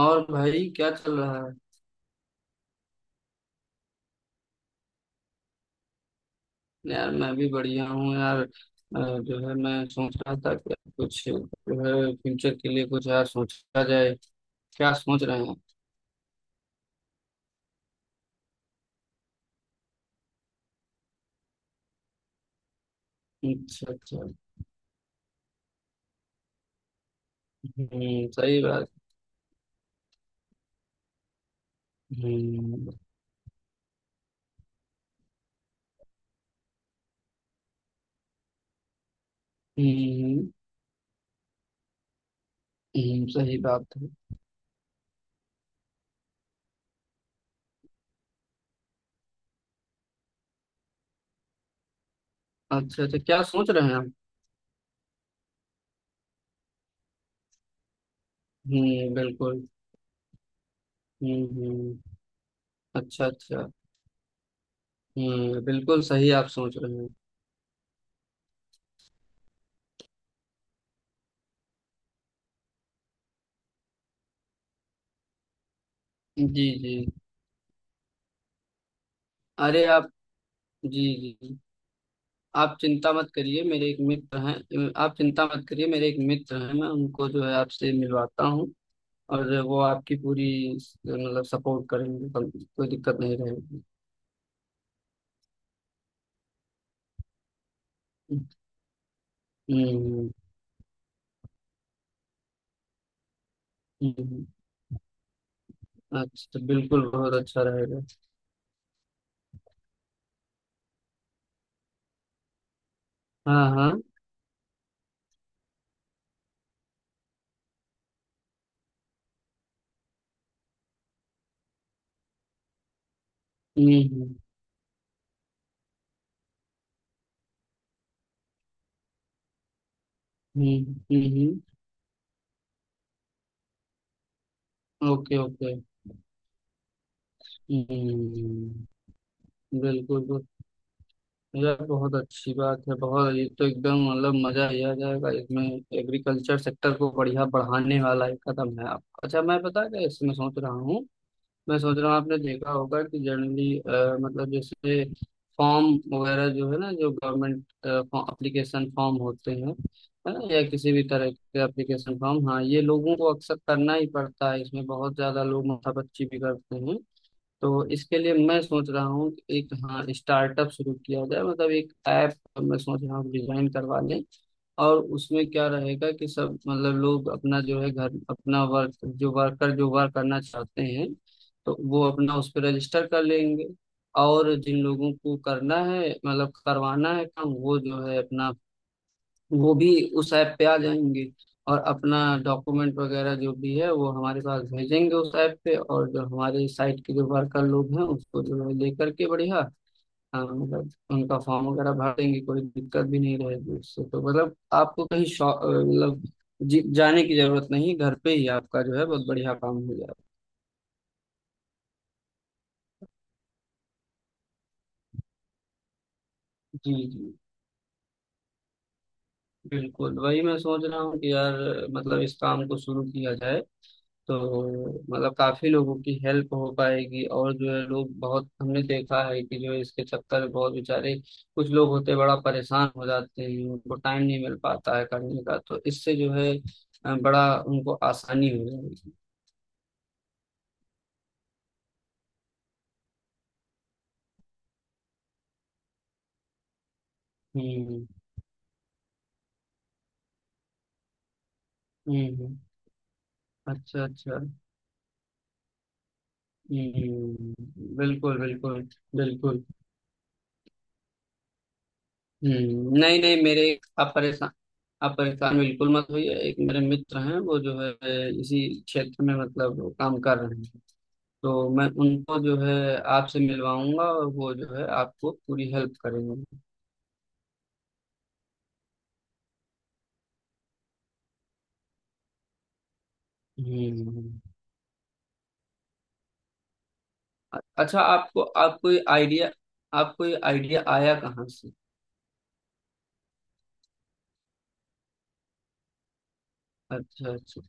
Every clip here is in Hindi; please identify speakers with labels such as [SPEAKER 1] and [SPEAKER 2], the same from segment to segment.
[SPEAKER 1] और भाई क्या चल रहा है? यार मैं भी बढ़िया हूँ यार। जो है मैं सोच रहा था कि कुछ जो है फ्यूचर के लिए कुछ यार सोचा जाए। क्या सोच रहे हैं? अच्छा अच्छा। हम्म, सही बात। हम्म हम्म। सही बात है। अच्छा अच्छा, क्या सोच रहे हैं आप? हम्म, बिल्कुल। हम्म। अच्छा अच्छा। हम्म, बिल्कुल सही आप सोच रहे हैं। जी जी। अरे आप। जी जी। आप चिंता मत करिए, मेरे एक मित्र हैं। आप चिंता मत करिए, मेरे एक मित्र हैं। मैं उनको जो है आपसे मिलवाता हूँ। और वो आपकी पूरी मतलब सपोर्ट करेंगे, कोई कोई दिक्कत नहीं रहेगी। हम्म, हम्म, अच्छा बिल्कुल बहुत अच्छा रहेगा। हाँ हाँ। हम्म। हम्म हम्म, हम्म, ओके ओके। हम्म, बिल्कुल। यार बहुत अच्छी बात है, बहुत ये तो एकदम मतलब मजा ही आ जाएगा इसमें। एग्रीकल्चर सेक्टर को बढ़िया बढ़ाने वाला एक कदम है आप। अच्छा, मैं पता क्या इसमें सोच रहा हूँ। मैं सोच रहा हूँ आपने देखा होगा कि जनरली मतलब जैसे फॉर्म वगैरह जो है ना, जो गवर्नमेंट एप्लीकेशन फॉर्म होते हैं, है ना? या किसी भी तरह के एप्लीकेशन फॉर्म। हाँ, ये लोगों को अक्सर करना ही पड़ता है, इसमें बहुत ज्यादा लोग माथापच्ची भी करते हैं। तो इसके लिए मैं सोच रहा हूँ कि एक हाँ स्टार्टअप शुरू किया जाए, मतलब एक ऐप मैं सोच रहा हूँ डिजाइन करवा लें। और उसमें क्या रहेगा कि सब मतलब लोग अपना जो है घर अपना वर्क जो वर्कर जो वर्क करना चाहते हैं तो वो अपना उस पर रजिस्टर कर लेंगे। और जिन लोगों को करना है मतलब करवाना है काम, वो जो है अपना वो भी उस ऐप पे आ जाएंगे। और अपना डॉक्यूमेंट वगैरह जो भी है वो हमारे पास भेजेंगे उस ऐप पे और जो हमारे साइट के जो वर्कर लोग हैं उसको जो है लेकर के बढ़िया हाँ, मतलब उनका फॉर्म वगैरह भर देंगे, कोई दिक्कत भी नहीं रहेगी उससे। तो मतलब आपको कहीं मतलब जाने की जरूरत नहीं, घर पे ही आपका जो है बहुत बढ़िया काम हो जाएगा। जी जी। बिल्कुल वही मैं सोच रहा हूँ कि यार मतलब इस काम को शुरू किया जाए। तो मतलब काफी लोगों की हेल्प हो पाएगी और जो है लोग बहुत, हमने देखा है कि जो है इसके चक्कर में बहुत बेचारे कुछ लोग होते, बड़ा परेशान हो जाते हैं, उनको टाइम नहीं मिल पाता है करने का। तो इससे जो है बड़ा उनको आसानी हो जाएगी। हम्म हम्म। हम्म। अच्छा अच्छा। हम्म, बिल्कुल बिल्कुल बिल्कुल। हम्म, नहीं नहीं मेरे, आप परेशान, आप परेशान बिल्कुल मत होइए। एक मेरे मित्र हैं वो जो है इसी क्षेत्र में मतलब काम कर रहे हैं। तो मैं उनको जो है आपसे मिलवाऊंगा और वो जो है आपको पूरी हेल्प करेंगे। हम्म। अच्छा, आपको आपको ये आइडिया, आपको ये आइडिया आया कहाँ से? अच्छा अच्छा।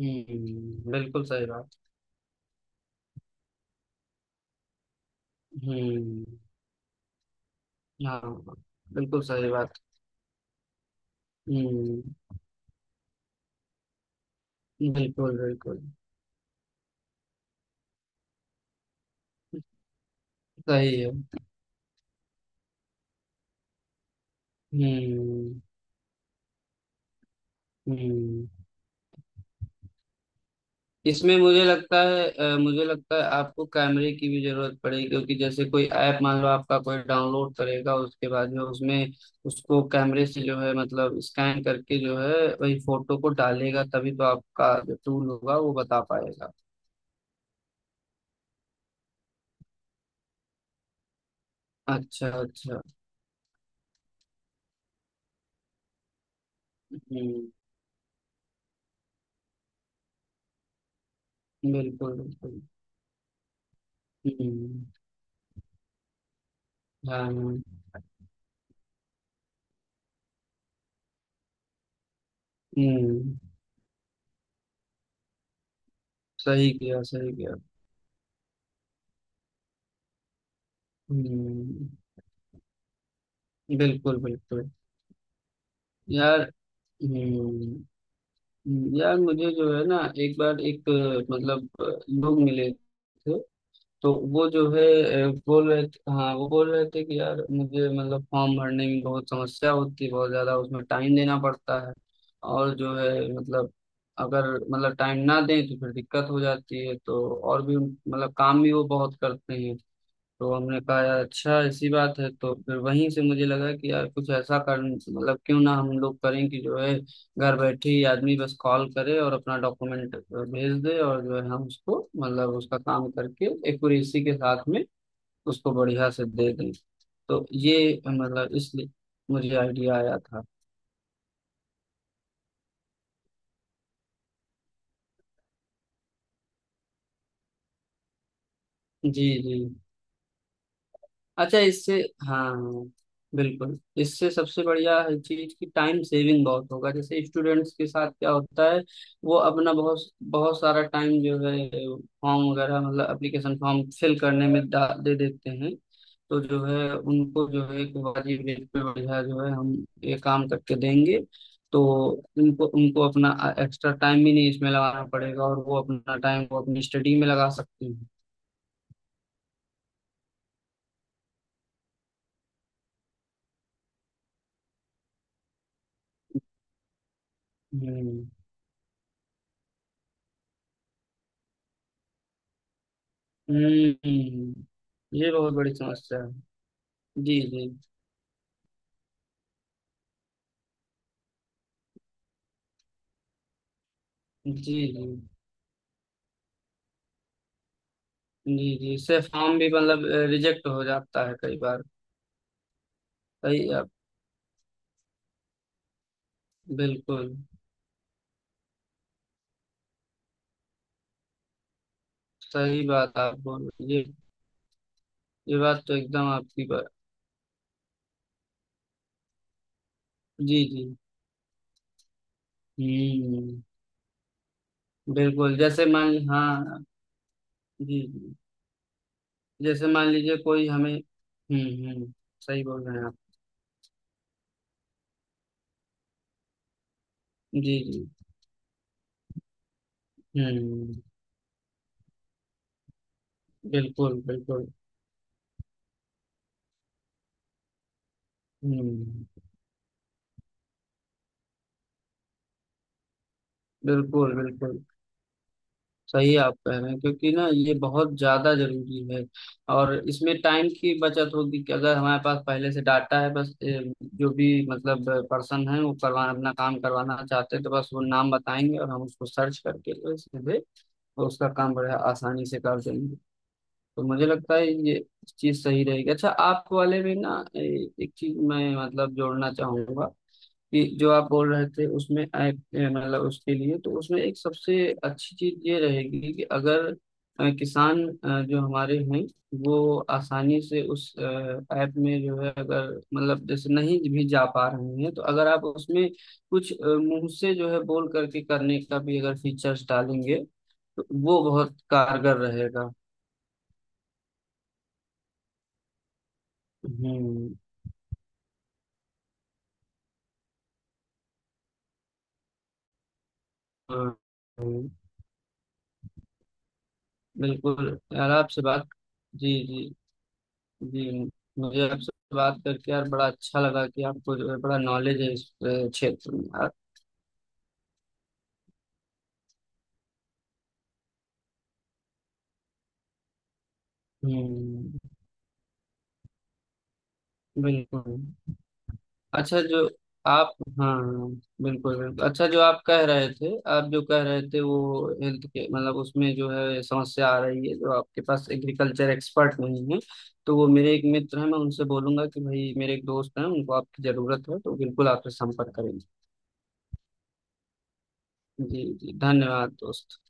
[SPEAKER 1] हम्म, बिल्कुल सही बात। हम्म। हाँ, बिल्कुल सही बात। हम्म, बिल्कुल बिल्कुल। सही है। हम्म हम्म। इसमें मुझे लगता है मुझे लगता है आपको कैमरे की भी जरूरत पड़ेगी, क्योंकि जैसे कोई ऐप मान लो आपका कोई डाउनलोड करेगा उसके बाद में उसमें उसको कैमरे से जो है मतलब स्कैन करके जो है वही फोटो को डालेगा, तभी तो आपका जो टूल होगा वो बता पाएगा। अच्छा अच्छा। हम्म, बिल्कुल बिल्कुल। हम्म, हाँ हाँ। हम्म, सही किया सही किया। हम्म, बिल्कुल बिल्कुल। यार, हम्म, यार मुझे जो है ना, एक बार एक मतलब लोग मिले थे, तो वो जो है बोल रहे थे, हाँ वो बोल रहे थे कि यार मुझे मतलब फॉर्म भरने में बहुत समस्या होती है, बहुत ज़्यादा उसमें टाइम देना पड़ता है। और जो है मतलब अगर मतलब टाइम ना दें तो फिर दिक्कत हो जाती है। तो और भी मतलब काम भी वो बहुत करते हैं। तो हमने कहा यार अच्छा ऐसी बात है, तो फिर वहीं से मुझे लगा कि यार कुछ ऐसा कर मतलब क्यों ना हम लोग करें कि जो है घर बैठे ही आदमी बस कॉल करे और अपना डॉक्यूमेंट भेज दे और जो है हम उसको मतलब उसका काम करके एक्यूरेसी के साथ में उसको बढ़िया से दे दें। तो ये मतलब इसलिए मुझे आइडिया आया था। जी जी। अच्छा, इससे हाँ, बिल्कुल इससे सबसे बढ़िया है चीज कि टाइम सेविंग बहुत होगा। जैसे स्टूडेंट्स के साथ क्या होता है, वो अपना बहुत बहुत सारा टाइम जो है फॉर्म वगैरह मतलब एप्लीकेशन फॉर्म फिल करने में दे देते हैं। तो जो है उनको जो है कि वाजिब रेट पे बढ़िया जो है हम ये काम करके देंगे। तो उनको उनको अपना एक्स्ट्रा टाइम भी नहीं इसमें लगाना पड़ेगा और वो अपना टाइम वो अपनी स्टडी में लगा सकती हैं। हम्म हम्म। ये बहुत बड़ी समस्या है। जी जी। जी जी। जी जी, इससे फॉर्म भी मतलब रिजेक्ट हो जाता है कई बार। सही आप। बिल्कुल सही बात आप बोल रहे हैं। ये बात तो एकदम आपकी बात। जी जी। हम्म, बिल्कुल जैसे मान हाँ। जी जी। जैसे मान लीजिए कोई हमें, हम्म, सही बोल रहे हैं आप। जी जी। हम्म, बिल्कुल बिल्कुल। हम्म, बिल्कुल बिल्कुल। सही आप कह रहे हैं क्योंकि ना ये बहुत ज्यादा जरूरी है। और इसमें टाइम की बचत होगी कि अगर हमारे पास पहले से डाटा है, बस जो भी मतलब पर्सन है वो करवा अपना काम करवाना चाहते हैं तो बस वो नाम बताएंगे और हम उसको सर्च करके जो सीधे उसका काम बड़े आसानी से कर देंगे। तो मुझे लगता है ये चीज सही रहेगी। अच्छा, आप वाले में ना एक चीज मैं मतलब जोड़ना चाहूंगा कि जो आप बोल रहे थे उसमें ऐप मतलब उसके लिए तो उसमें एक सबसे अच्छी चीज ये रहेगी कि अगर किसान जो हमारे हैं वो आसानी से उस ऐप में जो है अगर मतलब जैसे नहीं भी जा पा रहे हैं तो अगर आप उसमें कुछ मुंह से जो है बोल करके करने का भी अगर फीचर्स डालेंगे तो वो बहुत कारगर रहेगा। हम्म। हाँ, हाँ, बिल्कुल यार आपसे बात। जी जी। जी, मुझे आपसे बात करके यार बड़ा अच्छा लगा कि आपको जो है बड़ा नॉलेज है इस क्षेत्र में हम्म, बिल्कुल। अच्छा जो आप हाँ, बिल्कुल बिल्कुल। अच्छा जो आप कह रहे थे, आप जो कह रहे थे वो हेल्थ के मतलब उसमें जो है समस्या आ रही है जो आपके पास एग्रीकल्चर एक्सपर्ट नहीं है, तो वो मेरे एक मित्र हैं, मैं उनसे बोलूंगा कि भाई मेरे एक दोस्त हैं उनको आपकी जरूरत है, तो बिल्कुल आपसे संपर्क करेंगे। जी जी, धन्यवाद दोस्त।